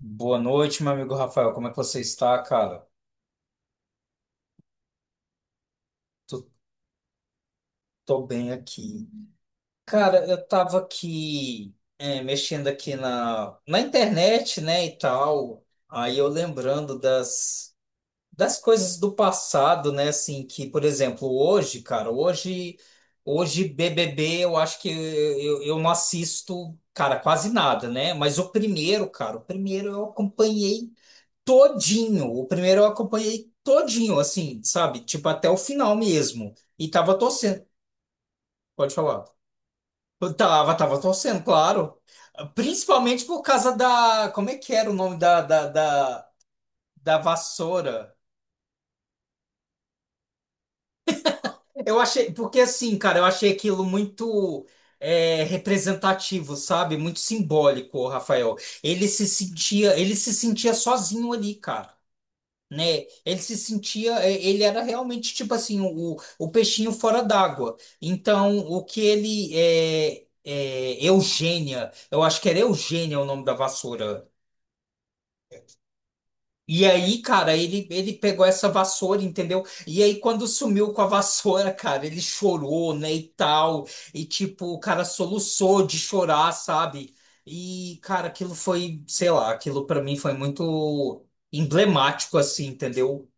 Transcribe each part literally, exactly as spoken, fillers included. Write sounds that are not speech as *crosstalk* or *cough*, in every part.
Boa noite, meu amigo Rafael. Como é que você está, cara? Tô, tô bem aqui. Cara, eu tava aqui é, mexendo aqui na, na internet, né, e tal. Aí eu lembrando das, das coisas do passado, né, assim, que, por exemplo, hoje, cara, hoje, hoje B B B, eu acho que eu, eu não assisto, cara, quase nada, né? Mas o primeiro, cara, o primeiro eu acompanhei todinho. O primeiro eu acompanhei todinho, assim, sabe? Tipo, até o final mesmo. E tava torcendo. Pode falar. Eu tava, tava torcendo, claro. Principalmente por causa da. Como é que era o nome da, da, da, da vassoura? Eu achei. Porque assim, cara, eu achei aquilo muito. É, representativo, sabe? Muito simbólico, o Rafael. Ele se sentia, ele se sentia sozinho ali, cara. Né? Ele se sentia, e- ele era realmente tipo assim, o, o peixinho fora d'água. Então, o que ele é, é Eugênia, eu acho que era Eugênia o nome da vassoura. E aí, cara, ele, ele pegou essa vassoura, entendeu? E aí, quando sumiu com a vassoura, *laughs* cara, ele chorou, né, e tal. E, tipo, o cara soluçou de chorar, sabe? E, cara, aquilo foi, sei lá, aquilo pra mim foi muito emblemático, assim, entendeu?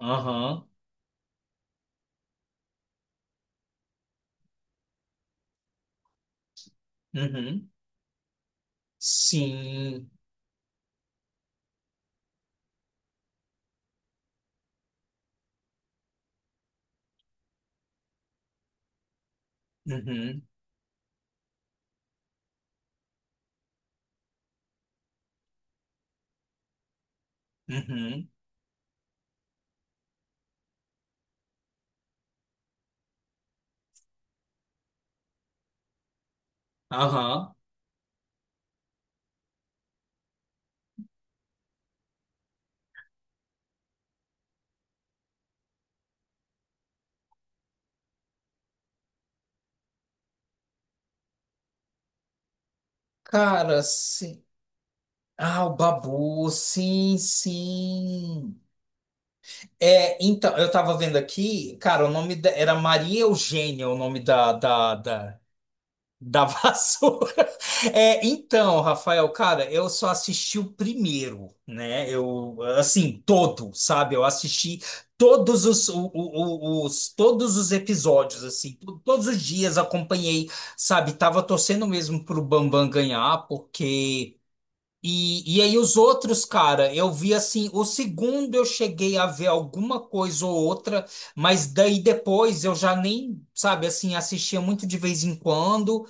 Aham. Uhum. Sim. Uhum. Uhum. Aham. Cara, sim. Ah, o Babu, sim, sim. É, então, eu tava vendo aqui, cara, o nome da, era Maria Eugênia, o nome da, da, da- Da vassoura. *laughs* É, então, Rafael, cara, eu só assisti o primeiro, né? Eu, assim, todo, sabe? Eu assisti todos os, o- o- o- os- todos os episódios, assim, to- todos os dias acompanhei, sabe? Tava torcendo mesmo pro Bambam ganhar, porque. E, e aí os outros, cara, eu vi assim, o segundo eu cheguei a ver alguma coisa ou outra, mas daí depois eu já nem, sabe, assim, assistia muito de vez em quando.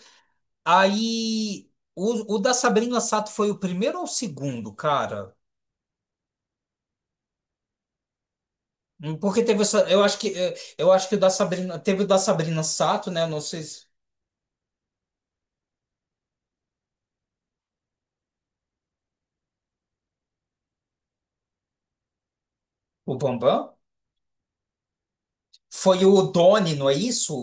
Aí, o, o da Sabrina Sato foi o primeiro ou o segundo, cara? Hum, Porque teve essa, eu acho que eh, eu acho que o da Sabrina, teve o da Sabrina Sato, né? Não sei se o Bambam foi o Doni, não é isso?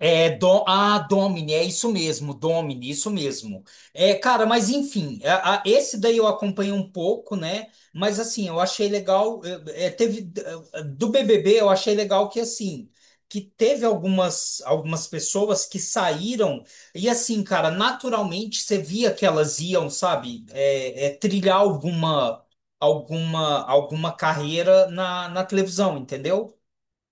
É, do, ah, Domini, é isso mesmo, Domini, isso mesmo. É, cara, mas enfim, a- a- esse daí eu acompanhei um pouco, né? Mas assim, eu achei legal, é, é, teve é, do B B B, eu achei legal que assim, que teve algumas algumas pessoas que saíram e assim, cara, naturalmente você via que elas iam, sabe, é, é, trilhar alguma alguma alguma carreira na, na televisão, entendeu?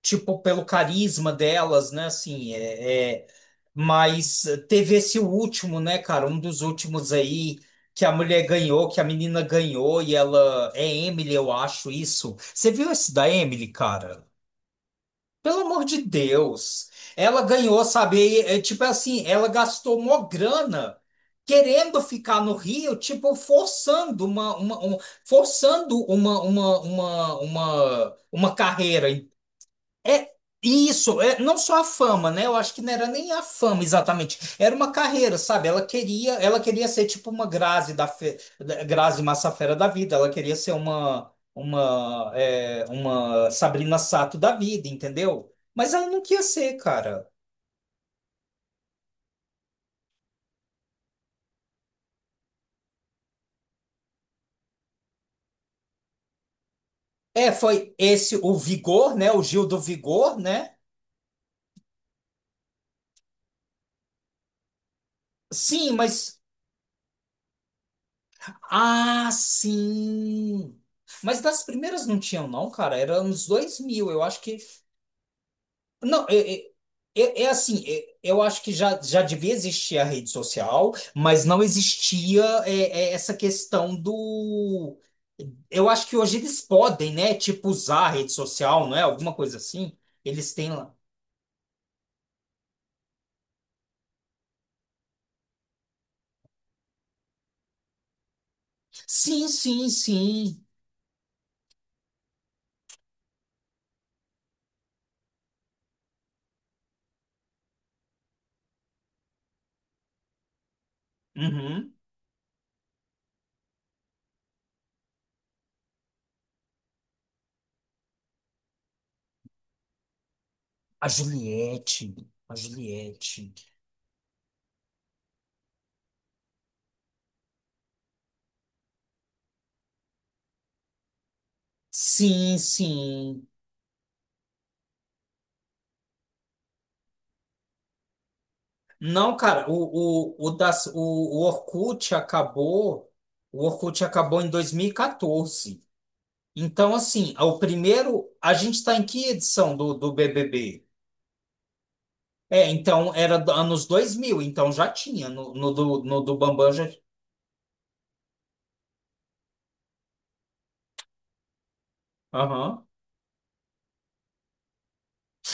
Tipo, pelo carisma delas, né? Assim, é, é- mas teve esse último, né, cara? Um dos últimos aí que a mulher ganhou, que a menina ganhou e ela é Emily, eu acho isso. Você viu esse da Emily, cara? Pelo amor de Deus. Ela ganhou, sabe? É, tipo assim, ela gastou uma grana querendo ficar no Rio, tipo, forçando uma, uma, um- forçando uma, uma, uma, uma, uma carreira, é isso, é não só a fama, né? Eu acho que não era nem a fama exatamente, era uma carreira, sabe? Ela queria, ela queria ser tipo uma Grazi da, fe, da Grazi Massafera da vida, ela queria ser uma uma é, uma Sabrina Sato da vida, entendeu? Mas ela não queria ser, cara. É, foi esse o Vigor, né? O Gil do Vigor, né? Sim, mas ah, sim. Mas das primeiras não tinham, não, cara. Era anos dois mil. Eu acho que. Não, é, é, é- é assim, é- eu acho que já, já devia existir a rede social, mas não existia é, é, essa questão do. Eu acho que hoje eles podem, né? Tipo, usar a rede social, não é? Alguma coisa assim. Eles têm lá. Sim, sim, sim. Uhum. A Juliette. A Juliette. Sim, sim. Não, cara, o, o, o, das, o, o Orkut acabou. O Orkut acabou em dois mil e quatorze. Então, assim, o primeiro. A gente está em que edição do, do B B B? É, então era do- anos dois mil, então já tinha no, no do, no do Bambam já. Aham.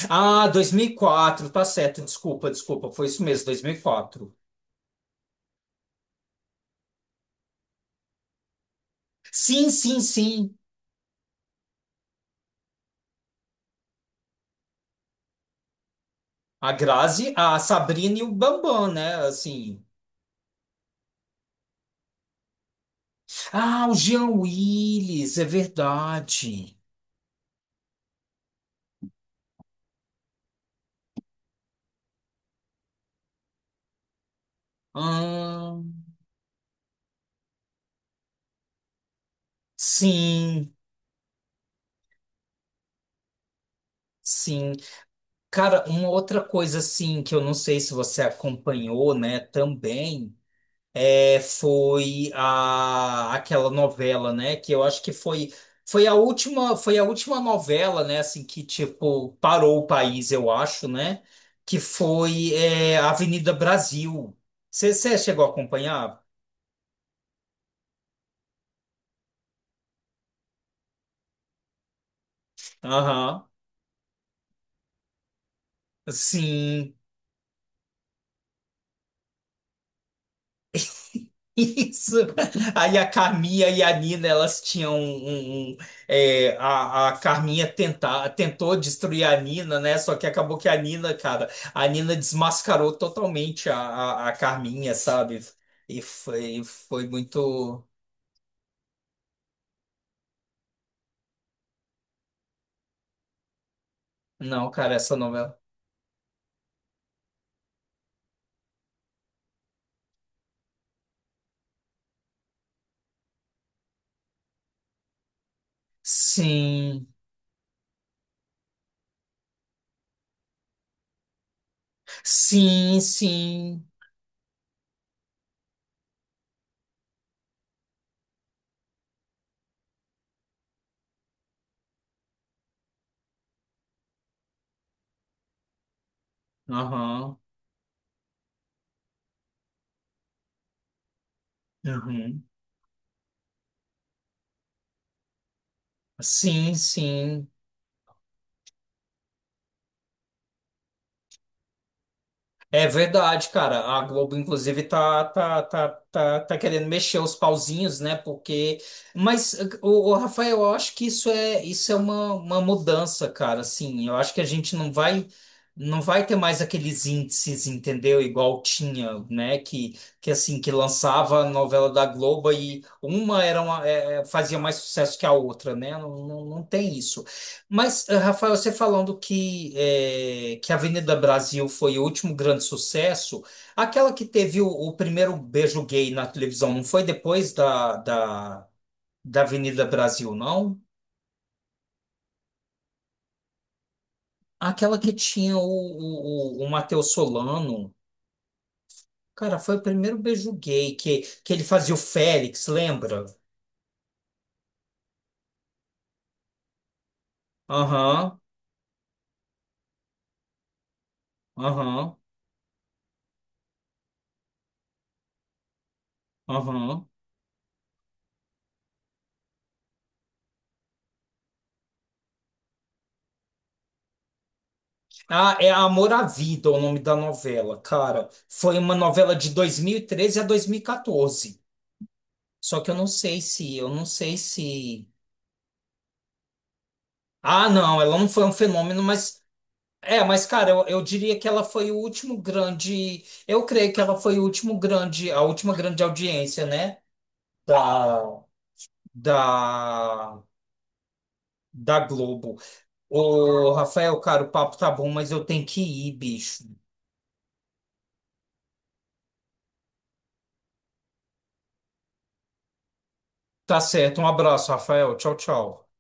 Ah, dois mil e quatro, tá certo, desculpa, desculpa, foi isso mesmo, dois mil e quatro. Sim, sim, sim. A Grazi, a Sabrina e o Bambam, né? Assim. Ah, o Jean Willis, é verdade. Ah, sim, sim. Cara, uma outra coisa assim que eu não sei se você acompanhou, né, também é, foi a, aquela novela, né, que eu acho que foi, foi a última, foi a última novela, né, assim que tipo parou o país, eu acho, né, que foi é, Avenida Brasil. Você chegou a acompanhar? Aham. Sim. Isso. Aí a Carminha e a Nina, elas tinham um, um- um, é, a, a Carminha tentar, tentou destruir a Nina, né? Só que acabou que a Nina, cara, a Nina desmascarou totalmente a, a, a Carminha, sabe? E foi, foi muito. Não, cara, essa novela. Sim, sim, sim. Aham. Uhum. Sim, sim. É verdade, cara. A Globo, inclusive, tá, tá, tá, tá, tá querendo mexer os pauzinhos, né? Porque. Mas, o, o Rafael, eu acho que isso é, isso é uma, uma mudança, cara. Assim, eu acho que a gente não vai, não vai ter mais aqueles índices, entendeu? Igual tinha, né? Que, que assim, que lançava a novela da Globo e uma era uma, é, é, fazia mais sucesso que a outra, né? Não, não, não tem isso. Mas, eh, Rafael, você falando que, eh, que a Avenida Brasil foi o último grande sucesso, aquela que teve o, o primeiro beijo gay na televisão, não foi depois da, da, da Avenida Brasil, não? Aquela que tinha o, o, o, o Matheus Solano. Cara, foi o primeiro beijo gay que, que ele fazia o Félix, lembra? Aham, aham, aham. Ah, é Amor à Vida o nome da novela, cara. Foi uma novela de dois mil e treze a dois mil e quatorze. Só que eu não sei se, eu não sei se. Ah, não, ela não foi um fenômeno, mas. É, mas, cara, eu, eu diria que ela foi o último grande. Eu creio que ela foi o último grande, a última grande audiência, né? Da, da, da Globo. Ô, Rafael, cara, o papo tá bom, mas eu tenho que ir, bicho. Tá certo, um abraço, Rafael. Tchau, tchau.